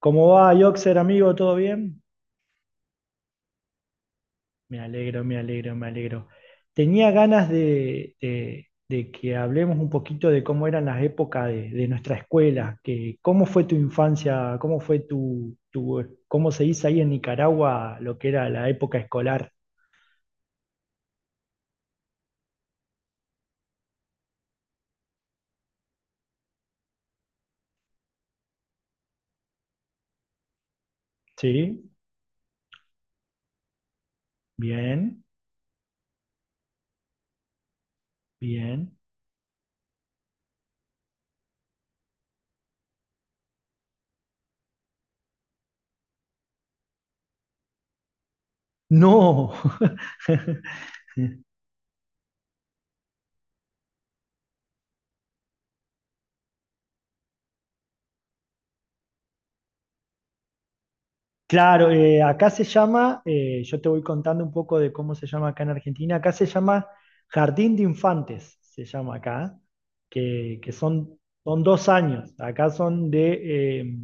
¿Cómo va, Yoxer, amigo? ¿Todo bien? Me alegro, me alegro, me alegro. Tenía ganas de que hablemos un poquito de cómo eran las épocas de nuestra escuela, que cómo fue tu infancia, cómo fue cómo se dice ahí en Nicaragua lo que era la época escolar. ¿Sí? Bien, bien. No. Claro, acá se llama, yo te voy contando un poco de cómo se llama acá en Argentina, acá se llama Jardín de Infantes, se llama acá, que son 2 años, acá son de, eh,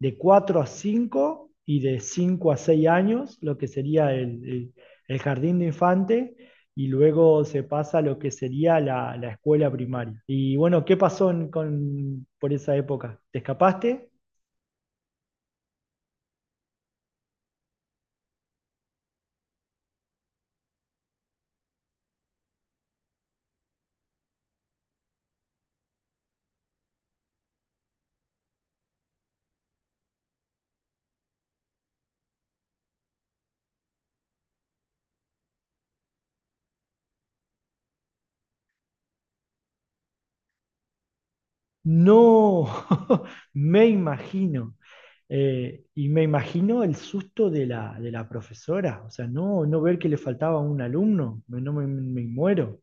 de 4 a 5 y de 5 a 6 años, lo que sería el jardín de infante, y luego se pasa a lo que sería la escuela primaria. Y bueno, ¿qué pasó con, por esa época? ¿Te escapaste? No, me imagino. Y me imagino el susto de la profesora. O sea, no ver que le faltaba un alumno. No me muero.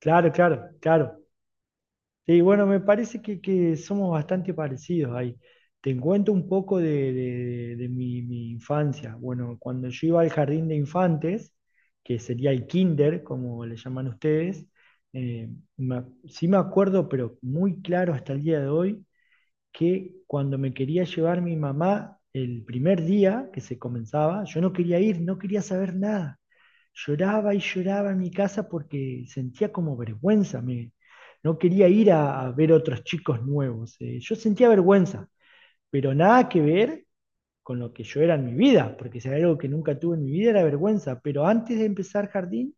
Claro, claro, claro. Sí, bueno, me parece que somos bastante parecidos ahí. Te cuento un poco de mi infancia. Bueno, cuando yo iba al jardín de infantes, que sería el kinder, como le llaman ustedes, eh, sí me acuerdo, pero muy claro hasta el día de hoy que cuando me quería llevar mi mamá el primer día que se comenzaba, yo no quería ir, no quería saber nada. Lloraba y lloraba en mi casa porque sentía como vergüenza. No quería ir a ver otros chicos nuevos. Yo sentía vergüenza, pero nada que ver con lo que yo era en mi vida, porque si era algo que nunca tuve en mi vida era vergüenza. Pero antes de empezar jardín,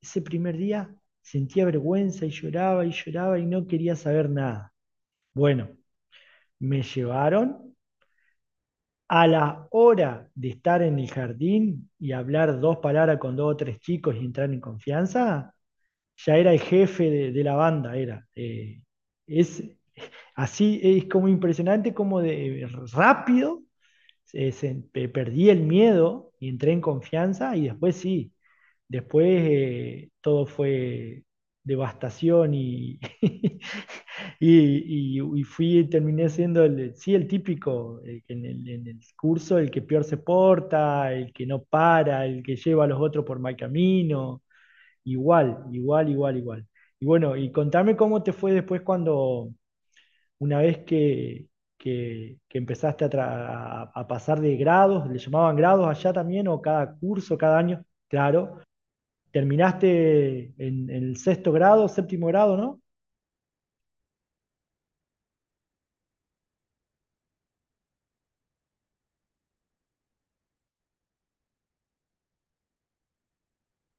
ese primer día sentía vergüenza y lloraba y lloraba y no quería saber nada. Bueno, me llevaron. A la hora de estar en el jardín y hablar dos palabras con dos o tres chicos y entrar en confianza, ya era el jefe de la banda, era. Es así, es como impresionante, como de rápido, eh, se- perdí el miedo y entré en confianza y después sí. Después, todo fue devastación y, y fui, terminé siendo el, sí, el típico, el que en el curso, el que peor se porta, el que no para, el que lleva a los otros por mal camino, igual, igual, igual, igual. Y bueno, y contame cómo te fue después cuando, una vez que empezaste a, tra- a pasar de grados, ¿le llamaban grados allá también o cada curso, cada año? Claro. ¿Terminaste en el sexto grado, séptimo grado, no?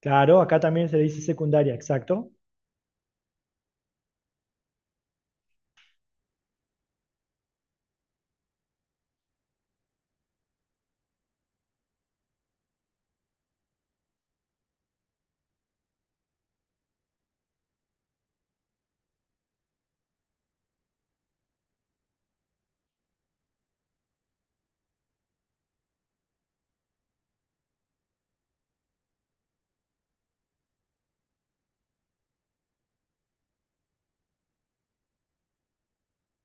Claro, acá también se le dice secundaria, exacto.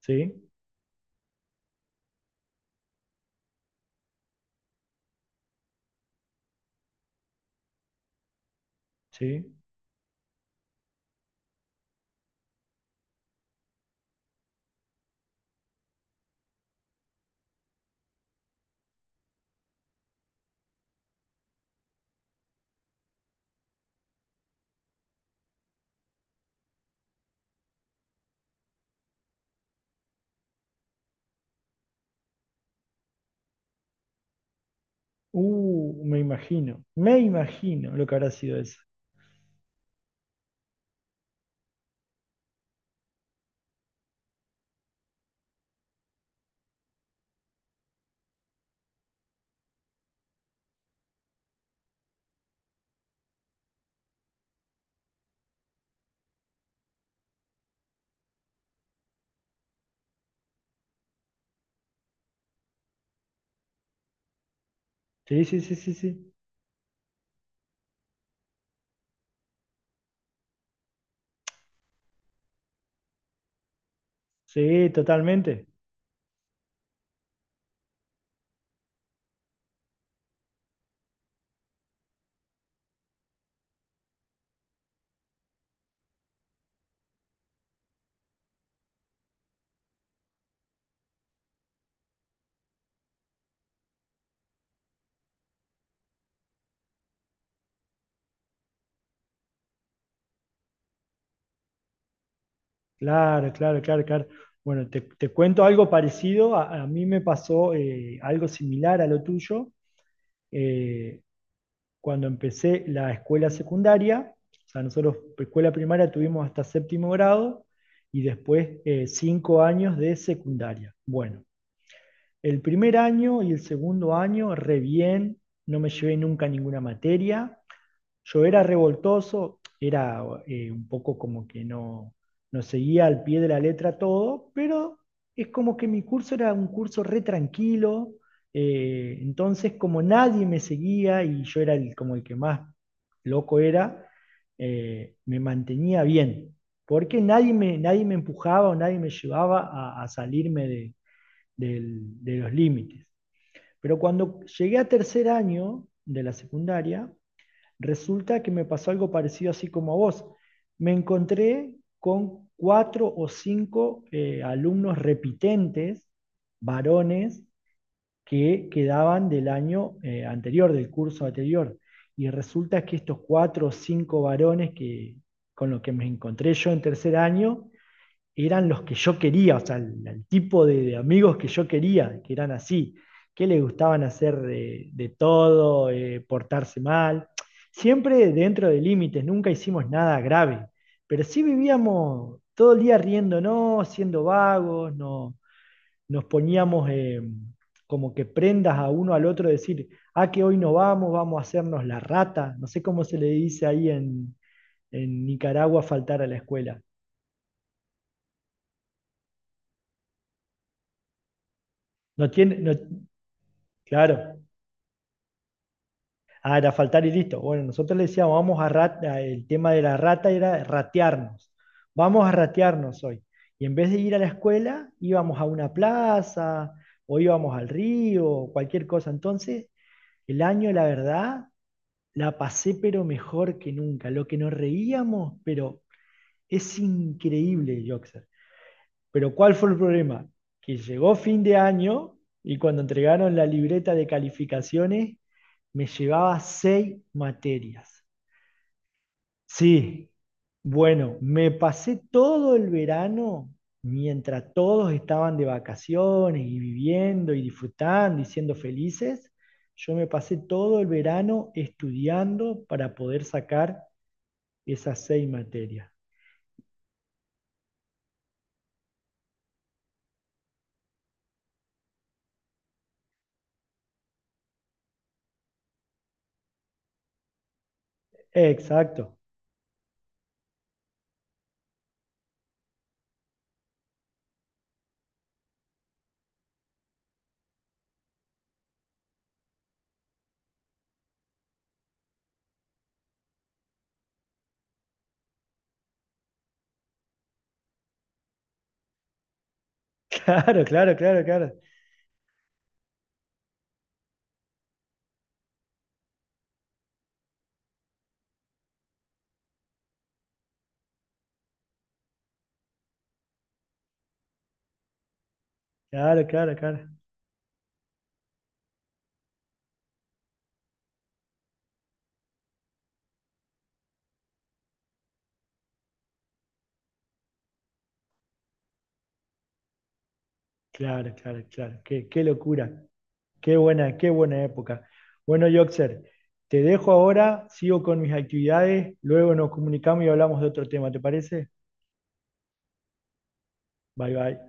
Sí, sí. Me imagino, me imagino lo que habrá sido eso. Sí, sí, sí, sí, sí. Sí, totalmente. Claro, claro, claro, claro. Bueno, te cuento algo parecido. A mí me pasó algo similar a lo tuyo. Eh, cuando empecé la escuela secundaria, o sea, nosotros escuela primaria tuvimos hasta séptimo grado y después 5 años de secundaria. Bueno, el primer año y el segundo año, re bien, no me llevé nunca ninguna materia, yo era revoltoso, era un poco como que no seguía al pie de la letra todo, pero es como que mi curso era un curso re tranquilo, entonces como nadie me seguía y yo era como el que más loco era, me mantenía bien, porque nadie me empujaba o nadie me llevaba a salirme de los límites. Pero cuando llegué a tercer año de la secundaria, resulta que me pasó algo parecido así como a vos. Me encontré con cuatro o cinco alumnos repitentes, varones, que quedaban del año anterior, del curso anterior. Y resulta que estos cuatro o cinco varones que, con los que me encontré yo en tercer año, eran los que yo quería, o sea, el tipo de amigos que yo quería, que eran así, que les gustaban hacer de todo, portarse mal, siempre dentro de límites, nunca hicimos nada grave, pero sí vivíamos todo el día riéndonos, siendo vagos, no, nos poníamos como que prendas a uno al otro, decir, ah, que hoy no vamos, vamos a hacernos la rata, no sé cómo se le dice ahí en Nicaragua faltar a la escuela. No tiene, no, claro. Ah, era faltar y listo. Bueno, nosotros le decíamos, vamos a. El tema de la rata era ratearnos. Vamos a ratearnos hoy. Y en vez de ir a la escuela, íbamos a una plaza o íbamos al río o cualquier cosa. Entonces, el año, la verdad, la pasé pero mejor que nunca. Lo que nos reíamos, pero es increíble, Joxer. Pero ¿cuál fue el problema? Que llegó fin de año y cuando entregaron la libreta de calificaciones, me llevaba seis materias. Sí, bueno, me pasé todo el verano mientras todos estaban de vacaciones y viviendo y disfrutando y siendo felices. Yo me pasé todo el verano estudiando para poder sacar esas seis materias. Exacto. Claro, claro, claro, claro. Claro, claro, claro. Claro, claro, claro. Qué locura. Qué buena época. Bueno, Yoxer, te dejo ahora, sigo con mis actividades, luego nos comunicamos y hablamos de otro tema, ¿te parece? Bye, bye.